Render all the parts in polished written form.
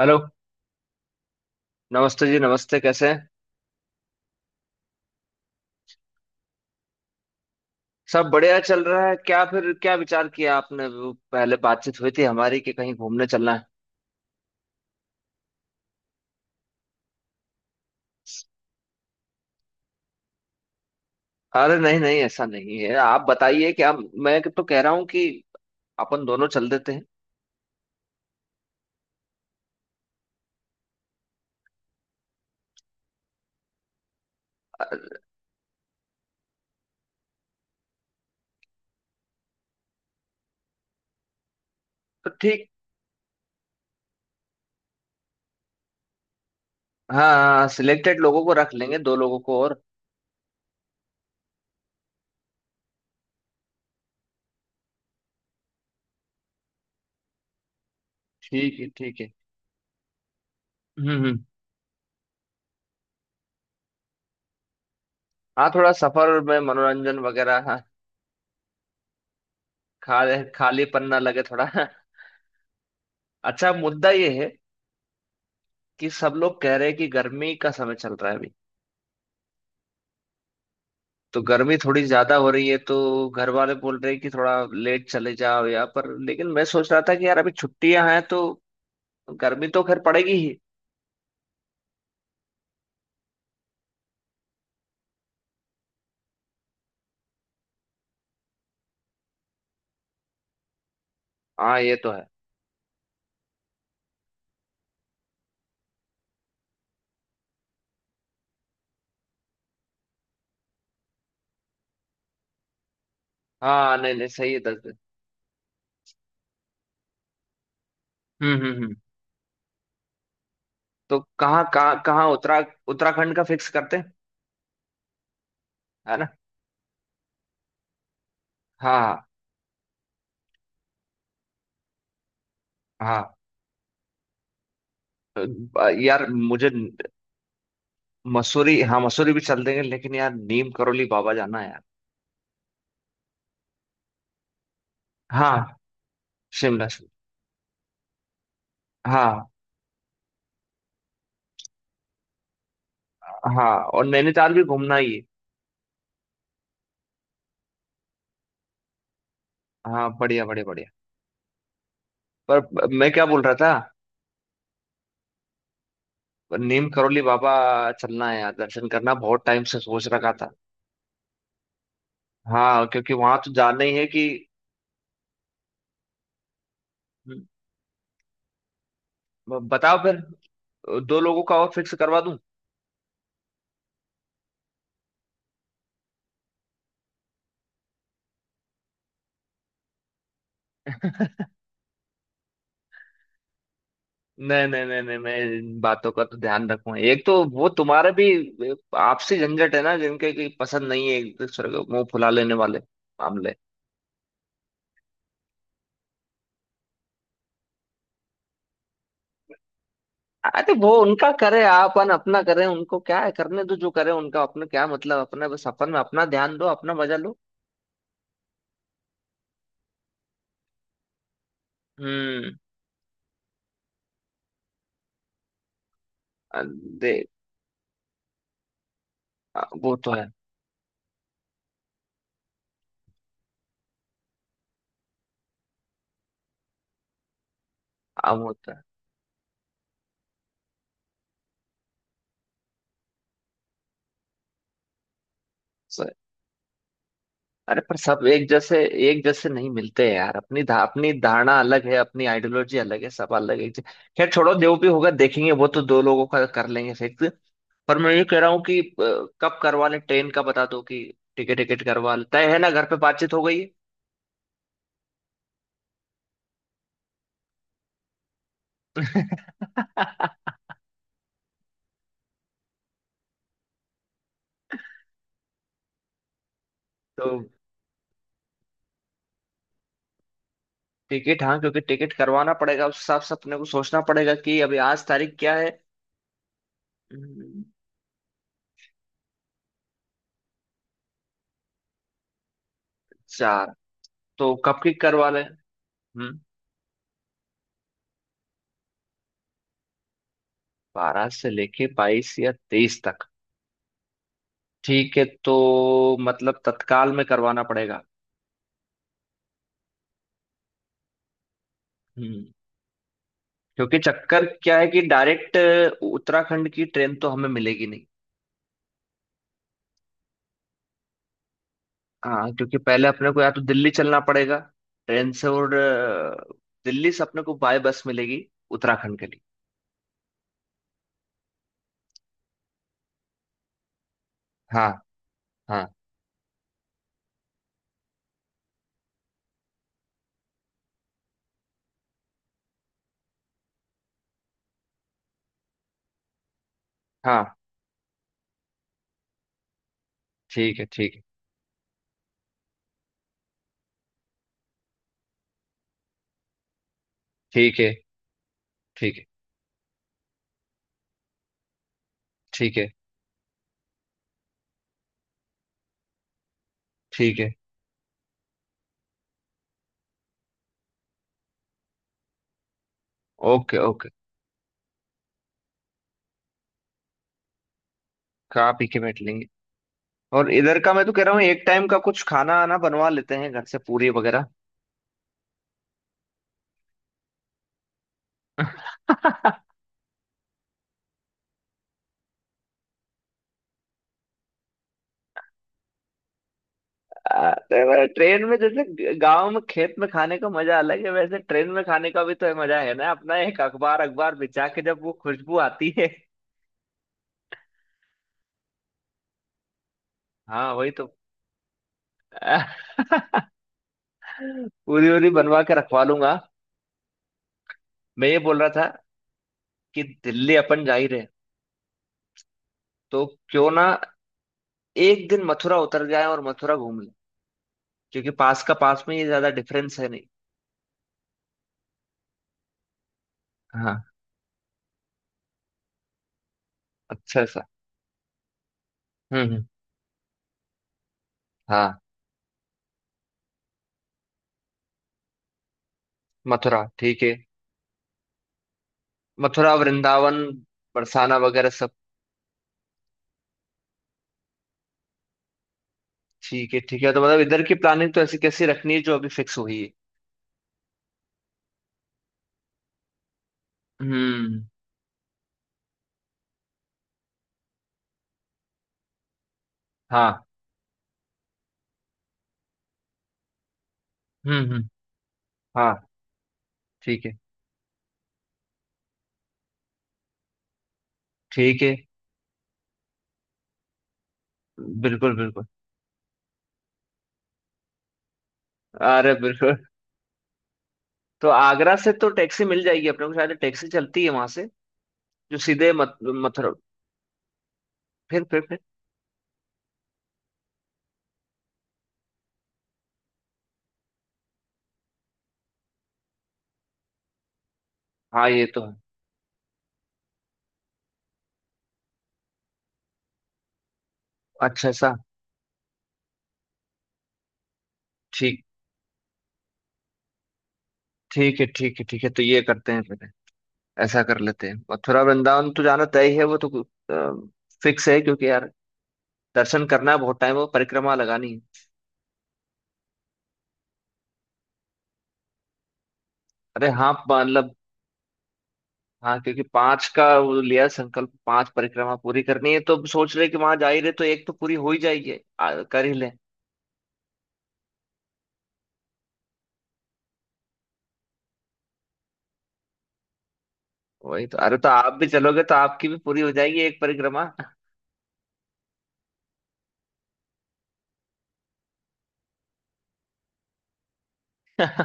Hello. नमस्ते जी, नमस्ते। कैसे हैं? सब बढ़िया चल रहा है? क्या फिर, क्या विचार किया आपने? वो पहले बातचीत हुई थी हमारी कि कहीं घूमने चलना है। अरे नहीं नहीं, ऐसा नहीं है। आप बताइए, क्या मैं तो कह रहा हूँ कि अपन दोनों चल देते हैं। तो ठीक। हाँ, हाँ, सिलेक्टेड लोगों को रख लेंगे, दो लोगों को और। ठीक है, ठीक है। हम्म, हम्म। हाँ, थोड़ा सफर में मनोरंजन वगैरह। हाँ, खा खालीपन ना लगे थोड़ा। अच्छा, मुद्दा ये है कि सब लोग कह रहे हैं कि गर्मी का समय चल रहा है अभी, तो गर्मी थोड़ी ज्यादा हो रही है। तो घर वाले बोल रहे हैं कि थोड़ा लेट चले जाओ, या पर लेकिन मैं सोच रहा था कि यार अभी छुट्टियां हैं तो गर्मी तो खैर पड़ेगी ही। हाँ, ये तो है। हाँ, नहीं नहीं, सही है, 10 दिन। हम्म, हम्म, हम्म। तो कहाँ कहाँ कहाँ, उत्तराखंड का फिक्स करते हैं। है ना? हाँ, हाँ। हाँ यार, मुझे मसूरी, हाँ मसूरी भी चल देंगे, लेकिन यार नीम करोली बाबा जाना है यार। हाँ, शिमला शिमला। हाँ, हाँ, और नैनीताल भी घूमना ही है। हाँ, बढ़िया बढ़िया बढ़िया। पर मैं क्या बोल रहा था, नीम करोली बाबा चलना है यार, दर्शन करना बहुत टाइम से सोच रखा था। हाँ, क्योंकि वहां तो जाना ही है कि। ब- बताओ फिर, दो लोगों का और फिक्स करवा दूं। नहीं नहीं नहीं नहीं, मैं इन बातों का तो ध्यान रखूंगा। एक तो वो तुम्हारे भी आपसी झंझट है ना, जिनके की पसंद नहीं है एक दूसरे को, मुंह फुला लेने वाले मामले। अरे वो उनका करे, अपन अपना करें। उनको क्या है, करने दो जो करे उनका। अपने क्या मतलब, अपने बस अपन में अपना ध्यान दो, अपना मजा लो। हम्म। अ, दे वो तो है। अब स- अरे, पर सब एक जैसे, एक जैसे नहीं मिलते हैं यार। अपनी अपनी धारणा अलग है, अपनी आइडियोलॉजी अलग है, सब अलग है। खैर छोड़ो, जो भी होगा देखेंगे, वो तो दो लोगों का कर लेंगे फिक्स। पर मैं ये कह रहा हूँ कि कब करवा लें ट्रेन का बता दो, कि टिकट टिकट करवा लें। तय है ना, घर पे बातचीत हो गई है? तो टिकट, हाँ क्योंकि टिकट करवाना पड़ेगा, उस हिसाब से अपने को सोचना पड़ेगा कि अभी आज तारीख क्या है। हम्म, चार। तो कब की करवा लें? हम्म, 12 से लेके 22 या 23 तक। ठीक है, तो मतलब तत्काल में करवाना पड़ेगा। हम्म। क्योंकि चक्कर क्या है कि डायरेक्ट उत्तराखंड की ट्रेन तो हमें मिलेगी नहीं। हाँ, क्योंकि पहले अपने को या तो दिल्ली चलना पड़ेगा ट्रेन से, और दिल्ली से अपने को बाय बस मिलेगी उत्तराखंड के लिए। हाँ, हाँ, हाँ। ठीक है, ठीक है, ठीक है, ठीक है, ठीक है, ठीक है। ओके, ओके, खा पी के बैठ लेंगे। और इधर का मैं तो कह रहा हूँ, एक टाइम का कुछ खाना आना बनवा लेते हैं घर से, पूरी वगैरह। तो ट्रेन में, जैसे गांव में खेत में खाने का मजा अलग है, वैसे ट्रेन में खाने का भी तो मजा है ना, अपना एक अखबार अखबार बिछा के जब वो खुशबू आती है। हाँ, वही तो। पूरी पूरी बनवा के रखवा लूंगा। मैं ये बोल रहा था कि दिल्ली अपन जा ही रहे, तो क्यों ना एक दिन मथुरा उतर जाए और मथुरा घूम लें, क्योंकि पास में ये ज्यादा डिफरेंस है नहीं। हाँ, अच्छा सा। हम्म, हाँ। मथुरा ठीक है। मथुरा वृंदावन, बरसाना वगैरह सब। ठीक है, ठीक है। तो मतलब इधर की प्लानिंग तो ऐसी कैसी रखनी है जो अभी फिक्स हुई है। हम्म। हाँ। हम्म, हम्म। हाँ। ठीक है, ठीक है। बिल्कुल बिल्कुल। अरे बिल्कुल। तो आगरा से तो टैक्सी मिल जाएगी अपने को, शायद टैक्सी चलती है वहां से जो सीधे मथ मथुरा। फिर। हाँ, ये तो है। अच्छा ऐसा। ठीक, ठीक है, ठीक है, ठीक है। तो ये करते हैं फिर, ऐसा कर लेते हैं। मथुरा वृंदावन तो जाना तय ही है, वो तो फिक्स है, क्योंकि यार दर्शन करना है बहुत टाइम, वो परिक्रमा लगानी है। अरे हाँ, मतलब। हाँ, क्योंकि 5 का वो लिया संकल्प 5 परिक्रमा पूरी करनी है, तो अब सोच रहे कि वहां जा ही रहे तो एक तो पूरी हो ही जाएगी, कर ही ले। वही तो, अरे तो आप भी चलोगे तो आपकी भी पूरी हो जाएगी एक परिक्रमा।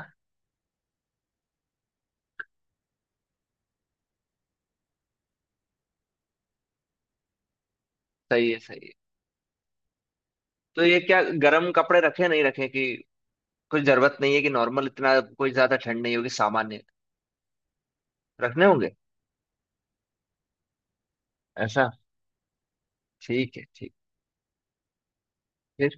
सही है, सही है। तो ये क्या, गर्म कपड़े रखे नहीं रखे, कि कुछ जरूरत नहीं है, कि नॉर्मल, इतना कोई ज्यादा ठंड नहीं होगी, सामान्य। रखने होंगे। ऐसा? ठीक है, ठीक। फिर।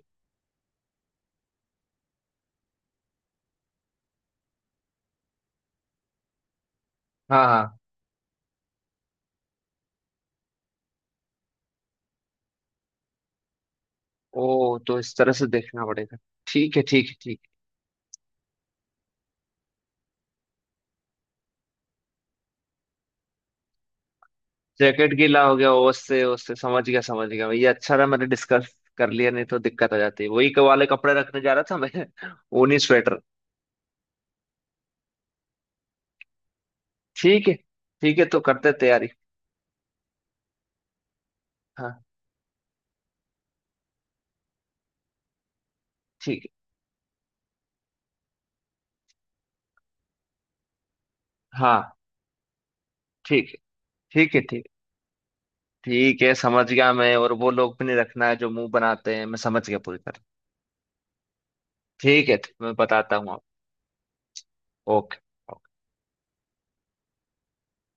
हाँ, हाँ। ओ, तो इस तरह से देखना पड़ेगा। ठीक है, ठीक है, ठीक। जैकेट गीला हो गया उससे, उससे समझ गया, समझ गया भैया। अच्छा रहा मैंने डिस्कस कर लिया, नहीं तो दिक्कत हो जाती, वही वाले कपड़े रखने जा रहा था मैं। ऊनी स्वेटर। ठीक है। ठीक है, तो करते तैयारी। हाँ। ठीक है। हाँ। ठीक है, ठीक है, ठीक। ठीक है, समझ गया मैं। और वो लोग भी नहीं रखना है जो मुंह बनाते हैं, मैं समझ गया पूरी तरह। ठीक है, मैं बताता हूँ आपको। ओके।